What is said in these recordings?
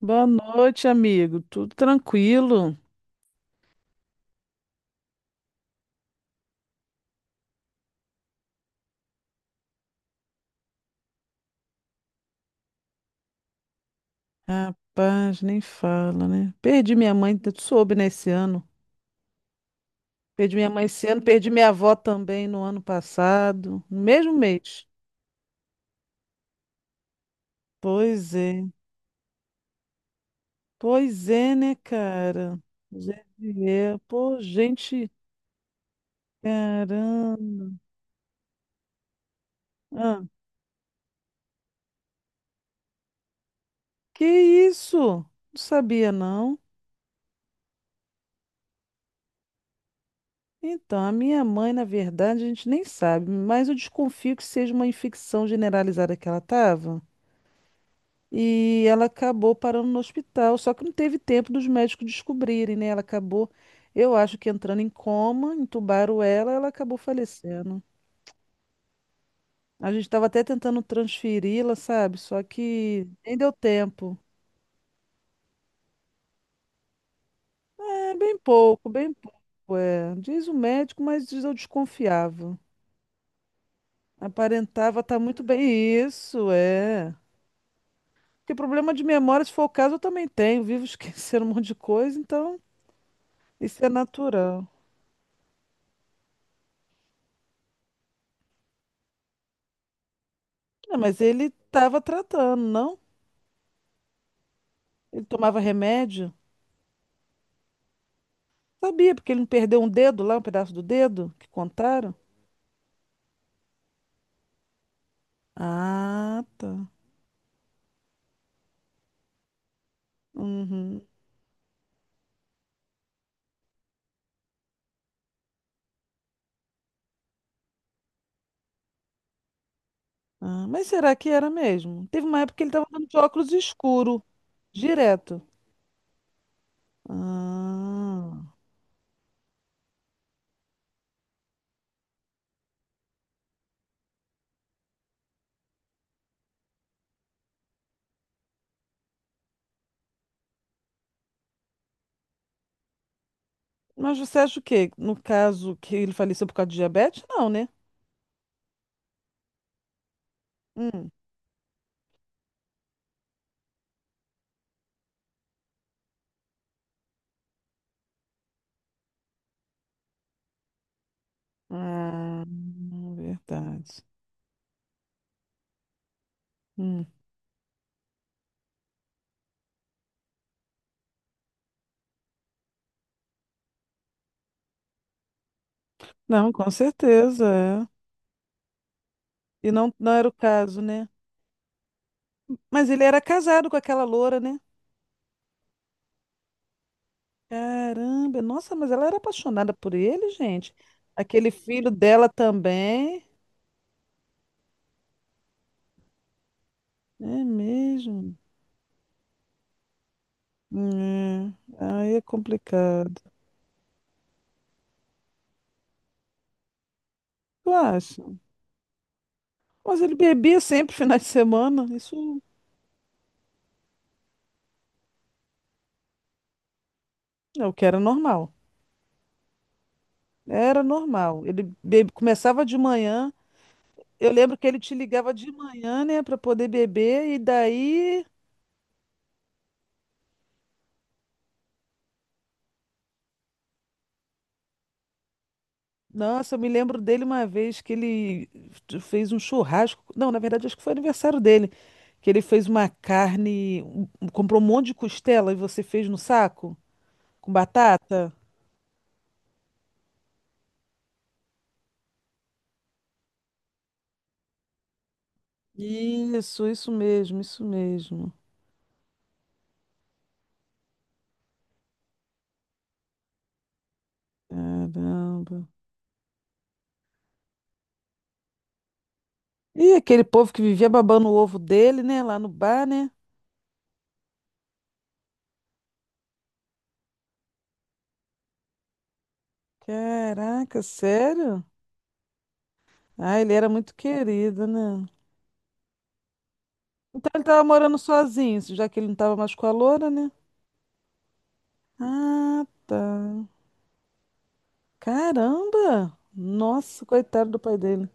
Boa noite, amigo. Tudo tranquilo? Rapaz, nem fala, né? Perdi minha mãe, tu soube, né, esse ano. Perdi minha mãe esse ano, perdi minha avó também no ano passado, no mesmo mês. Pois é, pois é, né, cara? Gente, é, é. Pô, gente, caramba. Ah, que isso? Não sabia, não. Então, a minha mãe, na verdade, a gente nem sabe, mas eu desconfio que seja uma infecção generalizada que ela estava. E ela acabou parando no hospital, só que não teve tempo dos médicos descobrirem, né? Ela acabou, eu acho que entrando em coma, entubaram ela, ela acabou falecendo. A gente estava até tentando transferi-la, sabe? Só que nem deu tempo. É, bem pouco, é. Diz o médico, mas diz eu desconfiava. Aparentava estar muito bem. Isso, é. Porque problema de memória, se for o caso, eu também tenho. Vivo esquecendo um monte de coisa, então isso é natural. Não, mas ele estava tratando, não? Ele tomava remédio? Sabia, porque ele não perdeu um dedo lá, um pedaço do dedo que contaram? Ah, tá. Uhum. Ah, mas será que era mesmo? Teve uma época que ele estava andando de óculos escuro, direto. Ah. Mas você acha o quê? No caso que ele faleceu por causa de diabetes? Não, né? Hum. Ah, verdade. Hum. Não, com certeza, é. E não, não era o caso, né? Mas ele era casado com aquela loura, né? Caramba, nossa, mas ela era apaixonada por ele, gente. Aquele filho dela também. É mesmo? É. Aí é complicado. Eu acho. Mas ele bebia sempre finais de semana. Isso é o que era normal. Era normal. Ele bebe... começava de manhã. Eu lembro que ele te ligava de manhã, né, para poder beber, e daí nossa, eu me lembro dele uma vez que ele fez um churrasco. Não, na verdade, acho que foi aniversário dele. Que ele fez uma carne, comprou um monte de costela e você fez no saco? Com batata? Isso mesmo, isso mesmo. Caramba. E aquele povo que vivia babando o ovo dele, né? Lá no bar, né? Caraca, sério? Ah, ele era muito querido, né? Então ele tava morando sozinho, já que ele não tava mais com a loura, né? Ah, tá. Caramba! Nossa, coitado do pai dele.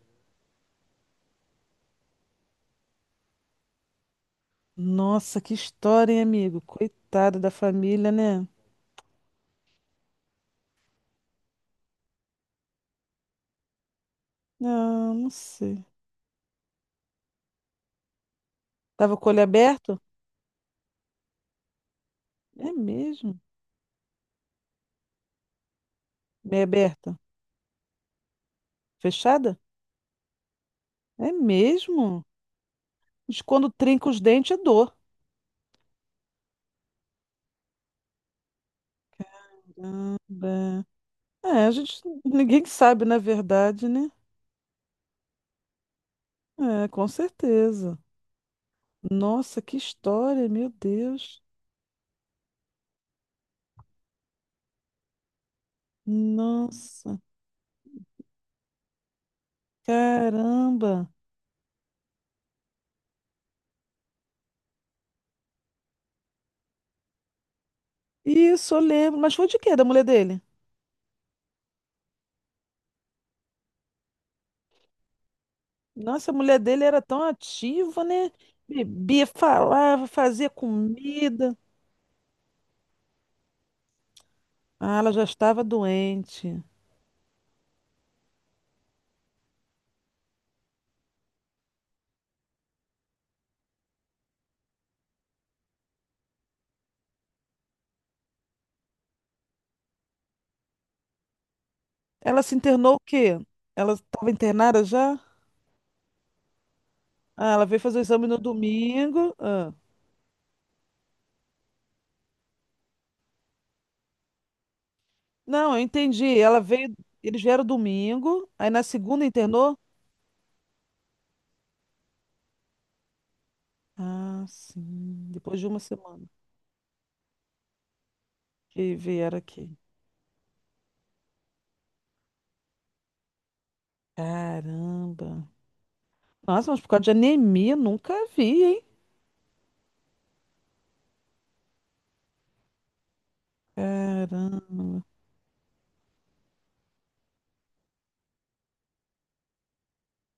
Nossa, que história, hein, amigo? Coitado da família, né? Não, não sei. Tava com o olho aberto? É mesmo. Meia aberta. Fechada? É mesmo. Mas quando trinca os dentes é dor. Caramba. É, a gente, ninguém sabe, na verdade, né? É, com certeza. Nossa, que história, meu Deus. Nossa, caramba. Isso, eu lembro. Mas foi de quê? Da mulher dele? Nossa, a mulher dele era tão ativa, né? Bebia, falava, fazia comida. Ah, ela já estava doente. Ela se internou o quê? Ela estava internada já? Ah, ela veio fazer o exame no domingo. Ah. Não, eu entendi. Ela veio, eles vieram domingo, aí na segunda internou? Ah, sim. Depois de uma semana que vieram aqui. Caramba. Nossa, mas por causa de anemia, nunca vi, hein? Caramba.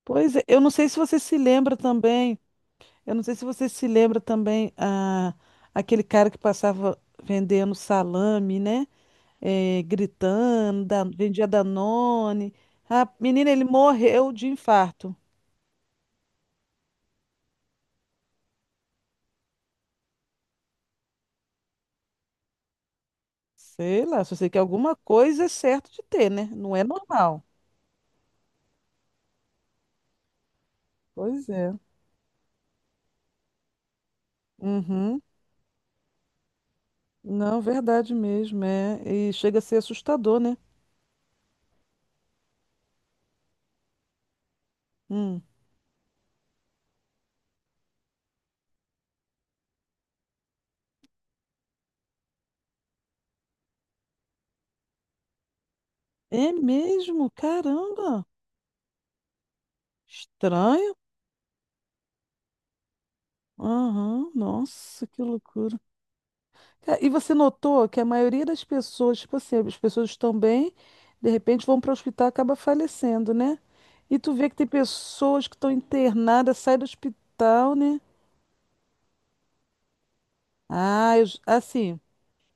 Pois é, eu não sei se você se lembra também. Eu não sei se você se lembra também ah, aquele cara que passava vendendo salame, né? Eh, gritando, vendia Danone. A menina, ele morreu de infarto. Sei lá, só sei que alguma coisa é certo de ter, né? Não é normal. Pois é. Uhum. Não, verdade mesmo, é. E chega a ser assustador, né? Hum. É mesmo? Caramba! Estranho? Aham, nossa, que loucura. É, e você notou que a maioria das pessoas, tipo assim, as pessoas estão bem, de repente vão para o hospital e acaba falecendo, né? E tu vê que tem pessoas que estão internadas, saem do hospital, né? Ah, eu, assim,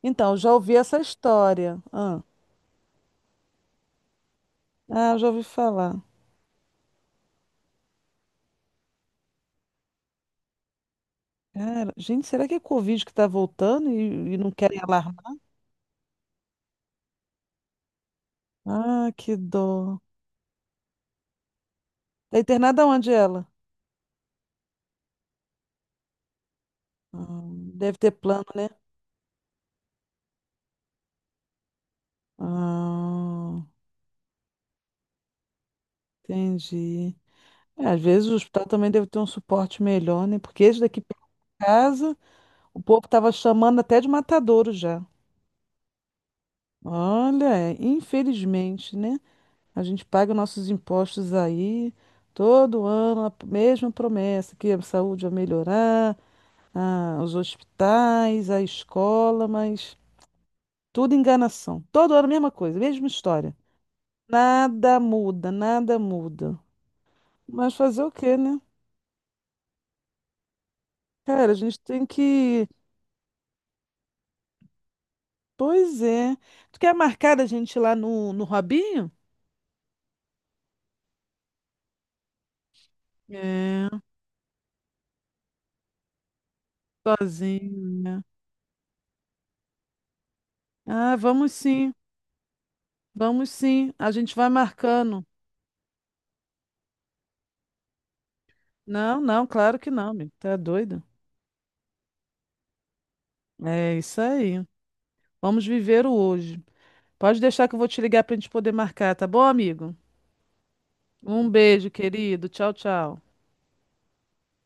então, eu já ouvi essa história. Ah, ah, eu já ouvi falar. Cara, gente, será que é Covid que tá voltando e não querem alarmar? Ah, que dó. Tá internada onde ela? Ah, deve ter plano, né? Ah, entendi. É, às vezes o hospital também deve ter um suporte melhor, né? Porque esse daqui perto de casa, o povo estava chamando até de matadouro já. Olha, é, infelizmente, né? A gente paga nossos impostos aí todo ano, mesma promessa, que a saúde vai melhorar, ah, os hospitais, a escola, mas tudo enganação. Todo ano a mesma coisa, mesma história. Nada muda, nada muda. Mas fazer o quê, né? Cara, a gente tem que pois é. Tu quer marcar a gente lá no Robinho? É, sozinho, né? Ah, vamos sim, vamos sim. A gente vai marcando. Não, não, claro que não, amigo. Tá doido? É isso aí. Vamos viver o hoje. Pode deixar que eu vou te ligar pra gente poder marcar, tá bom, amigo? Um beijo, querido. Tchau, tchau.